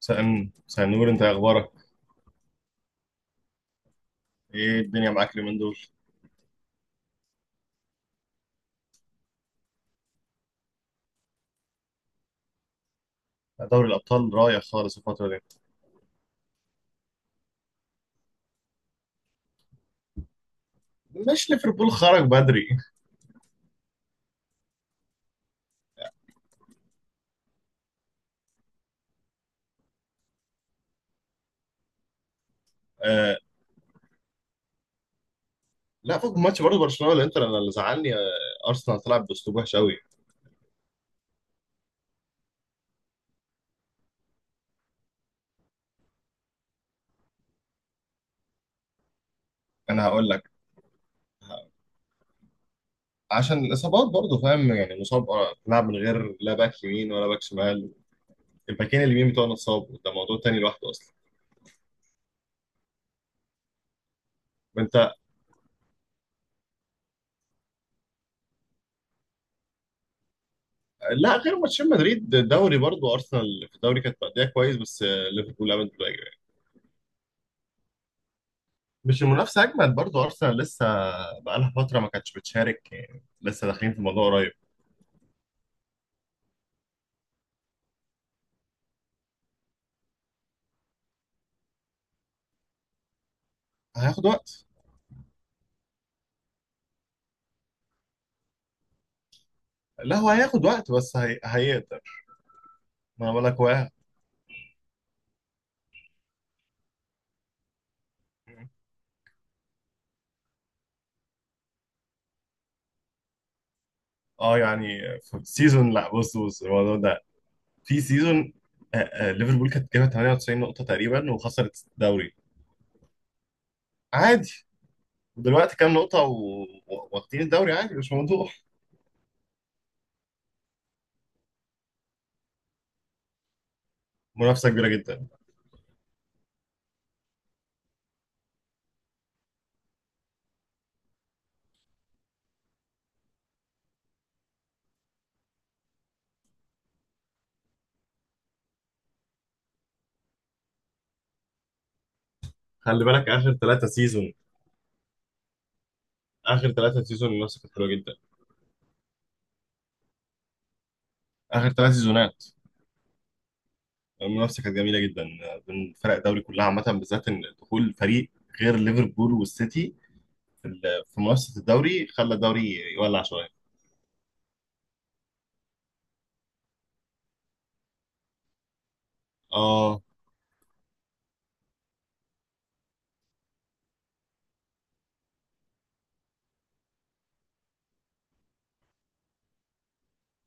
سأنور انت إيه اخبارك؟ ايه الدنيا معاك اليومين دول؟ دوري الابطال رايح خالص الفتره دي. مش ليفربول خرج بدري؟ آه، لا، فوق ماتش برضه برشلونه والانتر، انا اللي زعلني ارسنال تلعب باسلوب وحش قوي. انا هقول لك، عشان الاصابات برضه، فاهم يعني؟ مصاب، تلعب من غير لا باك يمين ولا باك شمال. الباكين اليمين بتوعنا اتصابوا، ده موضوع تاني لوحده اصلا. انت. لا، غير ماتشين مدريد، دوري برضه ارسنال في الدوري كانت مأدية كويس، بس ليفربول عملت. مش المنافسة أجمل؟ برضو أرسنال لسه بقالها فترة ما كانتش بتشارك، يعني لسه داخلين في الموضوع قريب. هياخد وقت. لا، هو هياخد وقت، بس هيقدر. ما أنا بقول لك هو اه يعني، في سيزون، لا، بص بص الموضوع ده. في سيزون، ليفربول كانت جايبه 98 نقطة تقريبا وخسرت الدوري. عادي. ودلوقتي كام نقطة واخدين الدوري، عادي مش موضوع. منافسة كبيرة جدا. خلي بالك، آخر ثلاثة سيزون، آخر ثلاثة سيزون المنافسة كانت حلوة جدا. آخر ثلاث سيزونات المنافسه كانت جميله جدا بين فرق الدوري كلها عامه، بالذات ان دخول فريق غير ليفربول والسيتي في منافسه الدوري خلى الدوري يولع شويه. اه،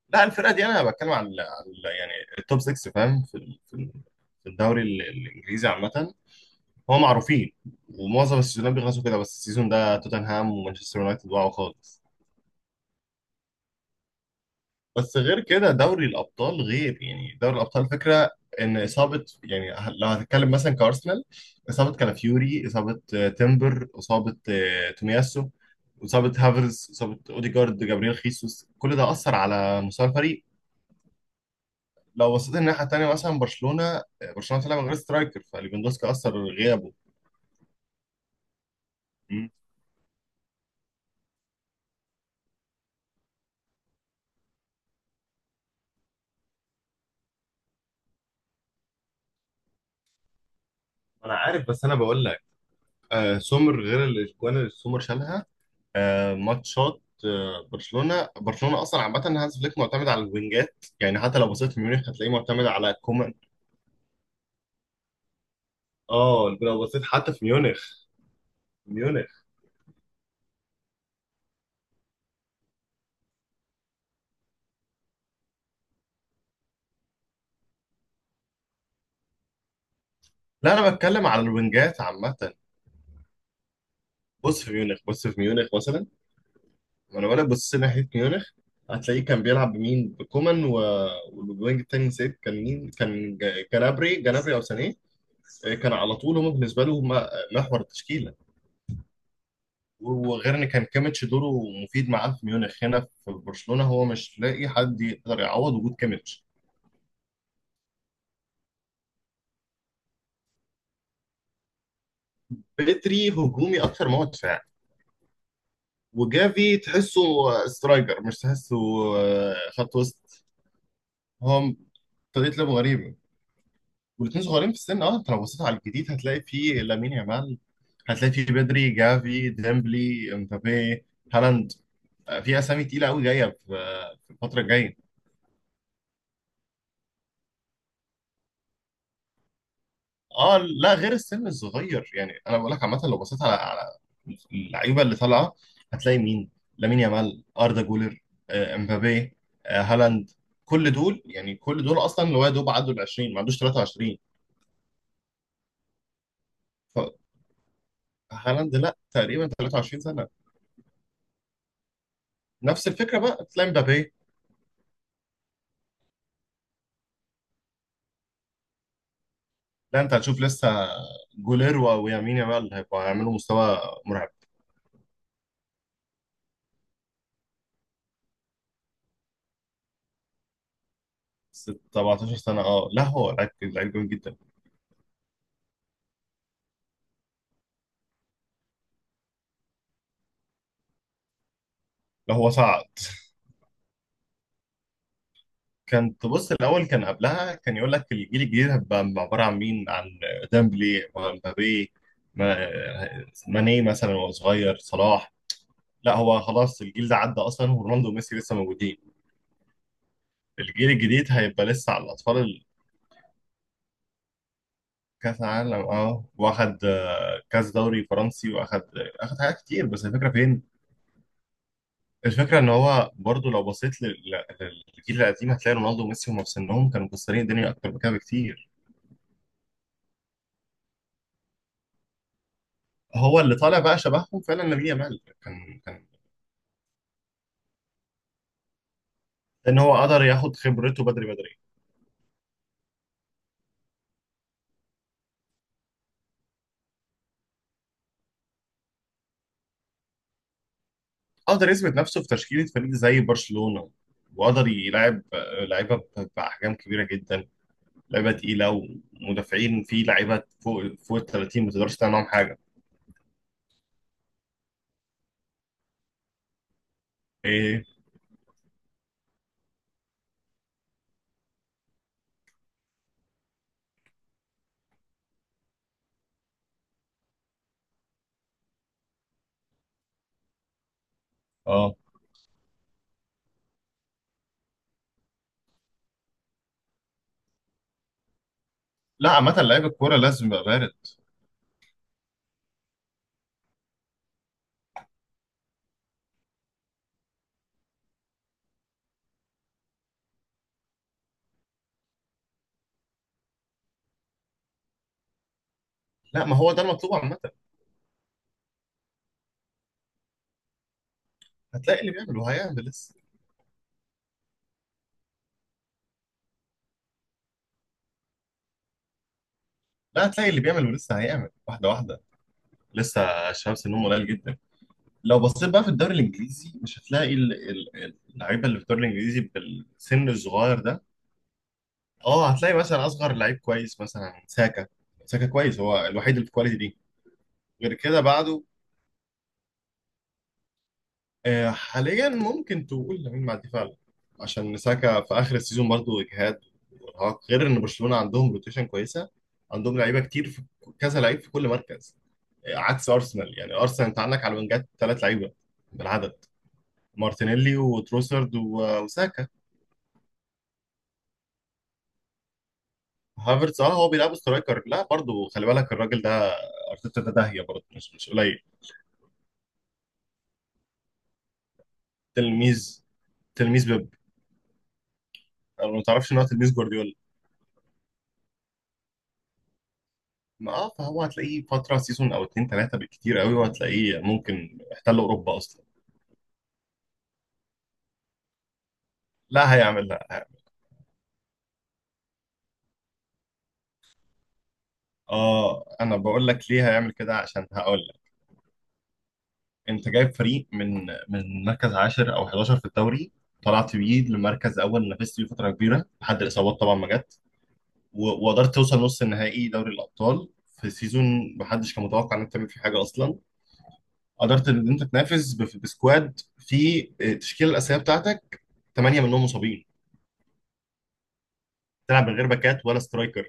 لا الفرقه دي انا بتكلم عن يعني التوب 6، فاهم؟ في الدوري الانجليزي عامه. هو معروفين، ومعظم السيزونات بيخلصوا كده، بس السيزون ده توتنهام ومانشستر يونايتد وقعوا خالص. بس غير كده، دوري الابطال غير يعني، دوري الابطال فكره. ان اصابه يعني، لو هتتكلم مثلا كارسنال، اصابه كالافيوري، اصابه تيمبر، اصابه تومياسو، اصابه هافرز، اصابه اوديجارد، جابرييل، خيسوس، كل ده اثر على مستوى الفريق. لو بصيت الناحيه التانيه مثلا برشلونه، برشلونه طلع من غير سترايكر، فليفاندوسكي اثر غيابه. مم. انا عارف، بس انا بقول لك، سومر، غير الاجوان اللي سومر شالها. ماتشات برشلونه اصلا عامه هانز فليك معتمد على الوينجات، يعني حتى لو بصيت في ميونخ هتلاقيه معتمد على كومان. اه، لو بصيت حتى في ميونخ. لا، انا بتكلم على الوينجات عامه. بص في ميونخ، بص في ميونخ مثلا، وانا بصيت ناحيه ميونخ، هتلاقيه كان بيلعب بمين، بكومان والوينج التاني نسيت كان مين، كان جنابري او سانيه. كان على طول هم بالنسبه له محور التشكيله. وغير ان كان كيميتش دوره مفيد معاه في ميونخ، هنا في برشلونه هو مش لاقي حد يقدر يعوض وجود كيميتش. بيتري هجومي اكتر ما هو دفاعي، وجافي تحسه سترايكر، مش تحسه خط وسط. هو طريقه لعبه غريبه، والاثنين صغيرين في السن. اه، انت لو بصيت على الجديد هتلاقي فيه لامين يامال، هتلاقي فيه بدري، جافي، ديمبلي، امبابي، هالاند. في اسامي تقيله قوي جايه في الفتره الجايه. اه، لا غير السن الصغير، يعني انا بقول لك عامه، لو بصيت على اللعيبه اللي طالعه، هتلاقي مين؟ لامين يامال، اردا جولر، امبابي، هالاند. كل دول يعني، كل دول اصلا اللي هو يا دوب عدوا ال 20، ما عندوش 23. فهالاند لا، تقريبا 23 سنه. نفس الفكره بقى، تلاقي امبابي. لا، انت هتشوف لسه جولير ويمين يامال هيبقوا هيعملوا مستوى مرعب. 17 سنه، اه لا هو لعيب، جامد جدا. لا، هو صعد. كانت، بص الاول كان قبلها كان يقول لك الجيل الجديد هيبقى عباره عن مين؟ عن ديمبلي ومبابي، ماني مثلا، وهو صغير صلاح. لا، هو خلاص الجيل ده عدى اصلا، ورونالدو وميسي لسه موجودين. الجيل الجديد هيبقى لسه على الاطفال. كاس عالم، اه، واخد كاس دوري فرنسي، واخد، اخد حاجات كتير، بس الفكره فين؟ الفكره ان هو برضو لو بصيت للجيل القديم، هتلاقي رونالدو وميسي هم في سنهم كانوا مكسرين الدنيا اكتر من كده بكتير. هو اللي طالع بقى شبههم فعلا لامين يامال، كان ان هو قدر ياخد خبرته بدري بدري، قدر يثبت نفسه في تشكيله فريق زي برشلونه، وقدر يلعب لعيبه باحجام كبيره جدا، لعيبه تقيله، ومدافعين، في لعيبه فوق ال 30 ما تقدرش تعمل معاهم حاجه. ايه؟ اه، لا عامه لعيب الكوره لازم يبقى بارد. لا، ما هو ده المطلوب عامه. هتلاقي اللي بيعمل وهيعمل لسه. لا، هتلاقي اللي بيعمل ولسه هيعمل، واحده واحده. لسه شمس النوم قليل جدا. لو بصيت بقى في الدوري الانجليزي مش هتلاقي اللعيبه اللي في الدوري الانجليزي بالسن الصغير ده. اه، هتلاقي مثلا اصغر لعيب كويس مثلا ساكا. ساكا كويس، هو الوحيد اللي في الكواليتي دي. غير كده بعده، حاليا ممكن تقول لامين معدي فعلا، عشان ساكا في اخر السيزون برضه اجهاد وارهاق، غير ان برشلونه عندهم روتيشن كويسه، عندهم لعيبه كتير في كذا لعيب في كل مركز، عكس ارسنال. يعني ارسنال، انت عندك على الوينجات ثلاث لعيبه بالعدد، مارتينيلي وتروسرد وساكا. هافرتز، اه هو بيلعب سترايكر. لا برضه خلي بالك الراجل ده، ارتيتا ده داهيه برضه، مش قليل. تلميذ. تلميذ بيب. انا ما تعرفش ان هو تلميذ جوارديولا؟ ما اه، فهو هتلاقيه فتره سيزون او اتنين تلاته بالكتير قوي، وهتلاقيه ممكن احتل اوروبا اصلا. لا هيعمل، لا هيعمل. اه، انا بقول لك ليه هيعمل كده، عشان هقول لك، انت جايب فريق من مركز عاشر او 11 في الدوري، طلعت بيه لمركز اول، نافست بيه فتره كبيره لحد الاصابات طبعا ما جت، وقدرت توصل نص النهائي دوري الابطال، في سيزون محدش كان متوقع انك تعمل فيه حاجه اصلا. قدرت ان انت تنافس بسكواد في التشكيله الاساسيه بتاعتك ثمانيه منهم مصابين، تلعب من غير باكات ولا سترايكر،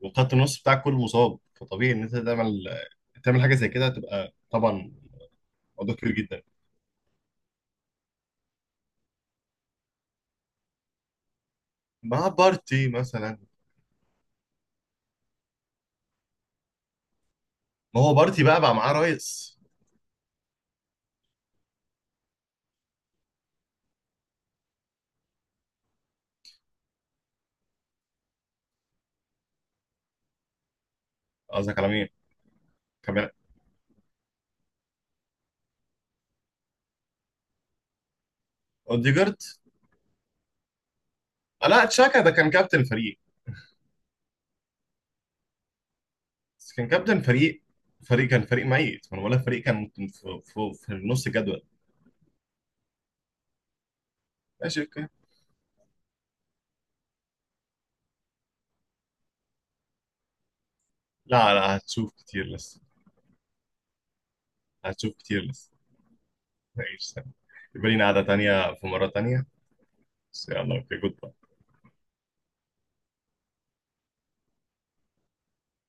وخط النص بتاعك كله مصاب. فطبيعي ان انت تعمل حاجه زي كده، هتبقى طبعا موضوع كبير جدا. مع بارتي مثلا. ما هو بارتي بقى معاه رايس. قصدك على مين؟ كمان. اوديجارد. لا، تشاكا ده كان كابتن الفريق. بس كان كابتن فريق، فريق كان فريق ميت، ما انا بقول لك فريق كان ممكن في نص الجدول. ماشي، اوكي. لا لا، هتشوف كتير لسه، هتشوف كتير لسه. ماشي، يبقى لينا قعدة تانية في مرة تانية، بس يلا، اوكي، جود باي.